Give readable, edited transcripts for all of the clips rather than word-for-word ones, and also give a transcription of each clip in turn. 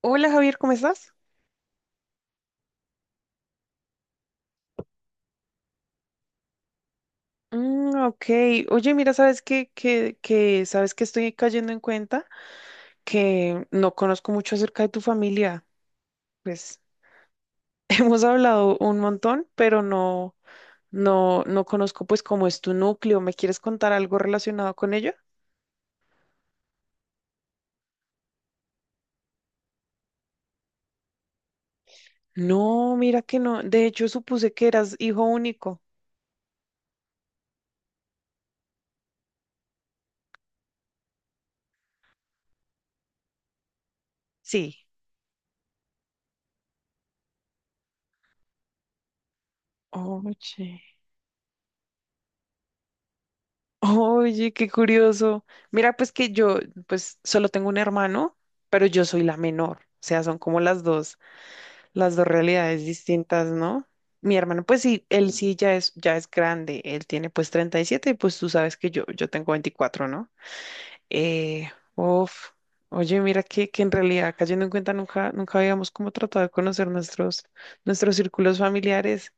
Hola Javier, ¿cómo estás? Mm, ok, oye, mira, ¿sabes qué? ¿Sabes que estoy cayendo en cuenta? Que no conozco mucho acerca de tu familia. Pues hemos hablado un montón, pero no, no conozco pues cómo es tu núcleo. ¿Me quieres contar algo relacionado con ella? No, mira que no. De hecho, supuse que eras hijo único. Sí. Oye. Oye, qué curioso. Mira, pues que yo, pues solo tengo un hermano, pero yo soy la menor. O sea, son como las dos realidades distintas, ¿no? Mi hermano, pues sí, él sí ya es grande. Él tiene pues 37 y pues tú sabes que yo tengo 24, ¿no? Eh, Uf. Oye, mira que en realidad, cayendo en cuenta, nunca, nunca habíamos como tratado de conocer nuestros círculos familiares.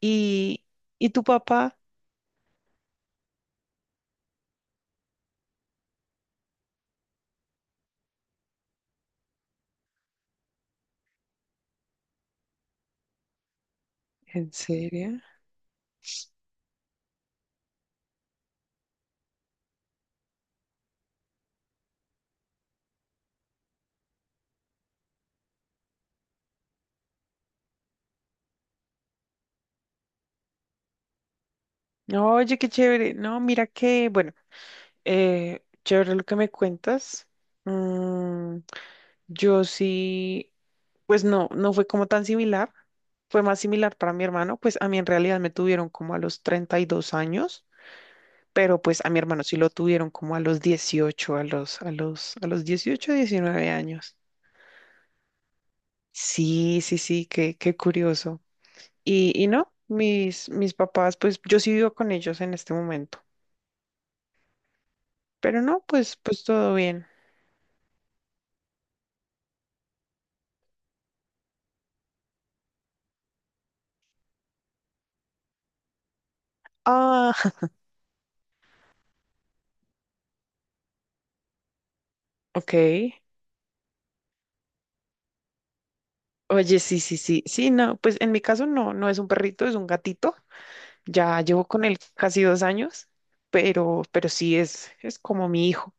¿Y, y tu papá? ¿En serio? No. Oye, qué chévere. No, mira que, bueno, chévere lo que me cuentas. Mm, yo sí, pues no fue como tan similar. Fue más similar para mi hermano. Pues a mí en realidad me tuvieron como a los 32 años, pero pues a mi hermano sí lo tuvieron como a los 18, a los 18, 19 años. Sí, sí, sí, qué curioso. Y no, mis papás, pues yo sí vivo con ellos en este momento. Pero no, pues todo bien. Ah, ok. Oye, sí, sí, sí. Sí, no, pues en mi caso no es un perrito, es un gatito. Ya llevo con él casi 2 años, pero sí es como mi hijo.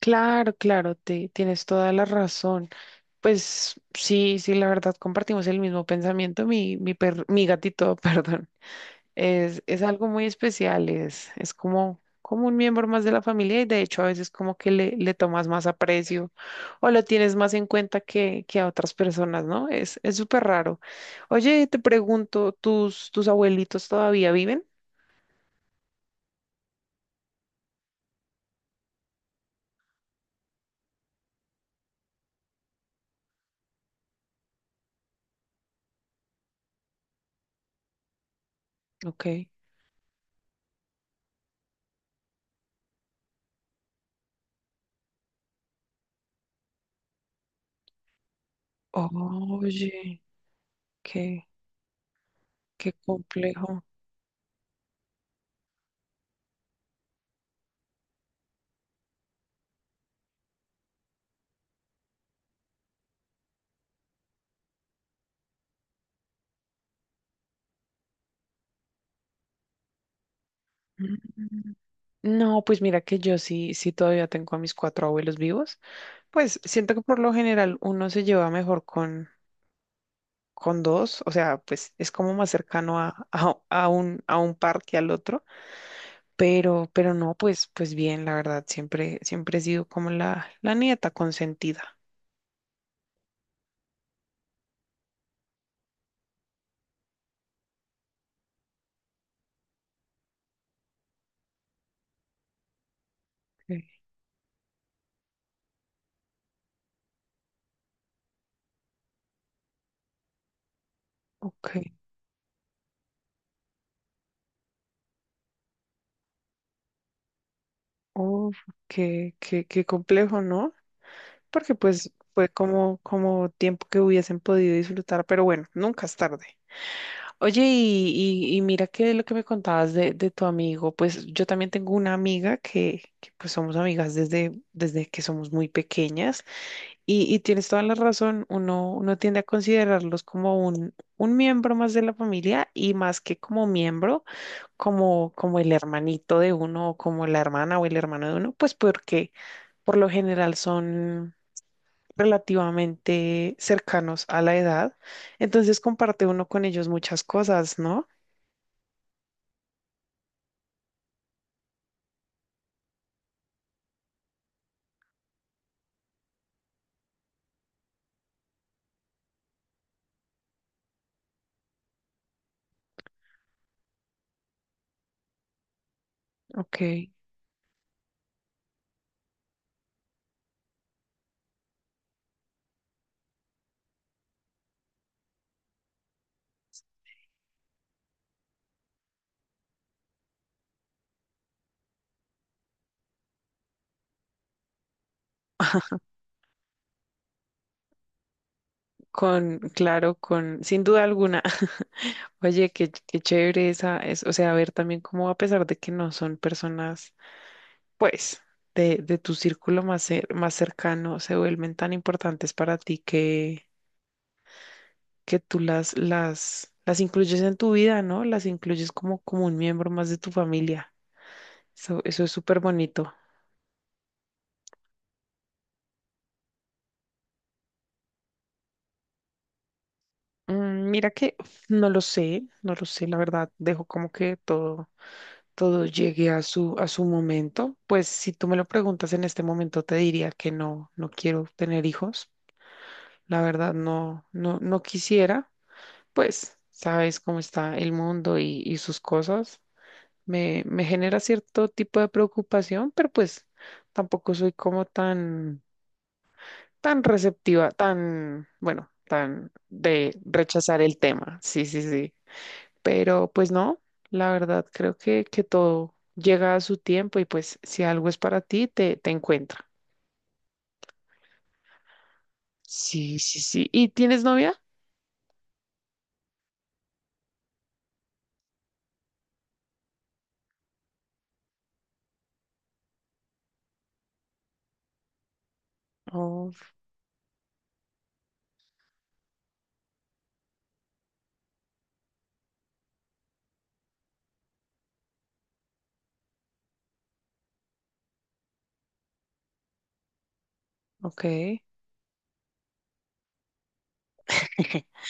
Claro, claro, tienes toda la razón. Pues sí, sí, la verdad compartimos el mismo pensamiento. Mi gatito, perdón. Es algo muy especial, es como un miembro más de la familia y de hecho a veces como que le tomas más aprecio o lo tienes más en cuenta que a otras personas, ¿no? Es súper raro. Oye, te pregunto, ¿tus abuelitos todavía viven? Ok. Oye, qué, qué complejo. Mm. No, pues mira que yo sí, sí todavía tengo a mis cuatro abuelos vivos. Pues siento que por lo general uno se lleva mejor con dos, o sea, pues es como más cercano a un par que al otro, pero no, pues bien, la verdad, siempre, siempre he sido como la nieta consentida. Ok, oh, qué complejo, ¿no? Porque pues fue como tiempo que hubiesen podido disfrutar, pero bueno, nunca es tarde. Oye, y mira que lo que me contabas de tu amigo, pues yo también tengo una amiga que pues somos amigas desde que somos muy pequeñas. Y tienes toda la razón, uno tiende a considerarlos como un miembro más de la familia y más que como miembro, como el hermanito de uno o como la hermana o el hermano de uno, pues porque por lo general son relativamente cercanos a la edad, entonces comparte uno con ellos muchas cosas, ¿no? Ok. Claro, sin duda alguna. Oye, qué chévere esa, o sea, ver también cómo a pesar de que no son personas pues, de tu círculo más cercano se vuelven tan importantes para ti que tú las incluyes en tu vida, ¿no? Las incluyes como un miembro más de tu familia. Eso es súper bonito. Mira que no lo sé, no lo sé, la verdad, dejo como que todo llegue a su momento. Pues si tú me lo preguntas en este momento, te diría que no, quiero tener hijos. La verdad, no, no, no quisiera. Pues sabes cómo está el mundo y sus cosas. Me genera cierto tipo de preocupación, pero pues tampoco soy como tan receptiva, tan, bueno, tan de rechazar el tema. Sí, sí, sí. Pero pues no, la verdad creo que todo llega a su tiempo y pues si algo es para ti, te encuentra. Sí, sí, sí. ¿Y tienes novia? Oh, ok.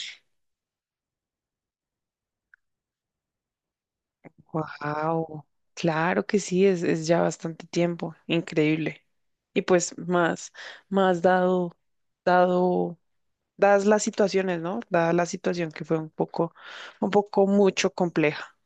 Wow, claro que sí, es ya bastante tiempo, increíble. Y pues más dado, dadas las situaciones, ¿no? Dada la situación que fue un poco mucho compleja.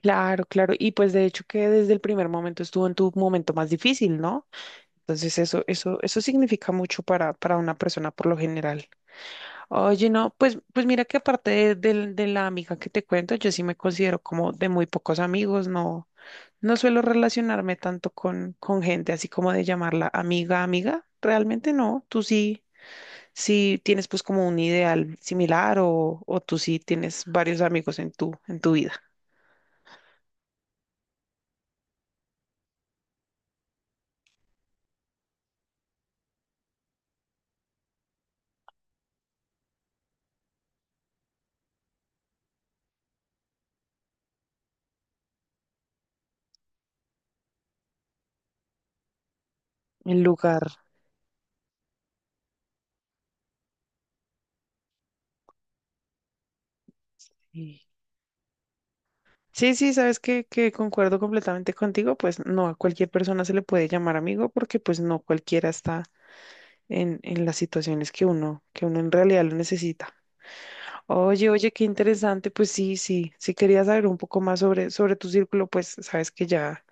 Claro, claro. Y pues de hecho que desde el primer momento estuvo en tu momento más difícil, ¿no? Entonces eso significa mucho para una persona por lo general. Oye, no, pues mira que aparte de la amiga que te cuento, yo sí me considero como de muy pocos amigos, no, suelo relacionarme tanto con gente así como de llamarla amiga, amiga, realmente no, tú sí, sí tienes pues como un ideal similar o tú sí tienes varios amigos en tu vida, en lugar. Sí. Sí, sí, sabes que concuerdo completamente contigo, pues no a cualquier persona se le puede llamar amigo porque pues no cualquiera está en las situaciones que uno en realidad lo necesita. Oye, oye, qué interesante, pues sí, sí, sí quería saber un poco más sobre tu círculo, pues sabes que ya,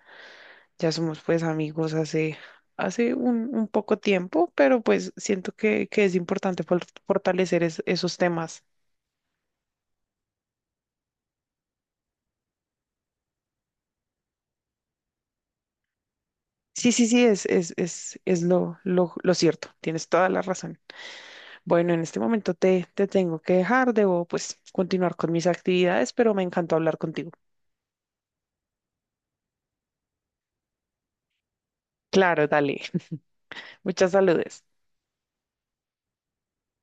ya somos pues amigos hace un poco tiempo, pero pues siento que es importante fortalecer esos temas. Sí, sí, sí, es lo cierto, tienes toda la razón. Bueno, en este momento te tengo que dejar, debo pues continuar con mis actividades, pero me encantó hablar contigo. Claro, dale. Muchas saludes.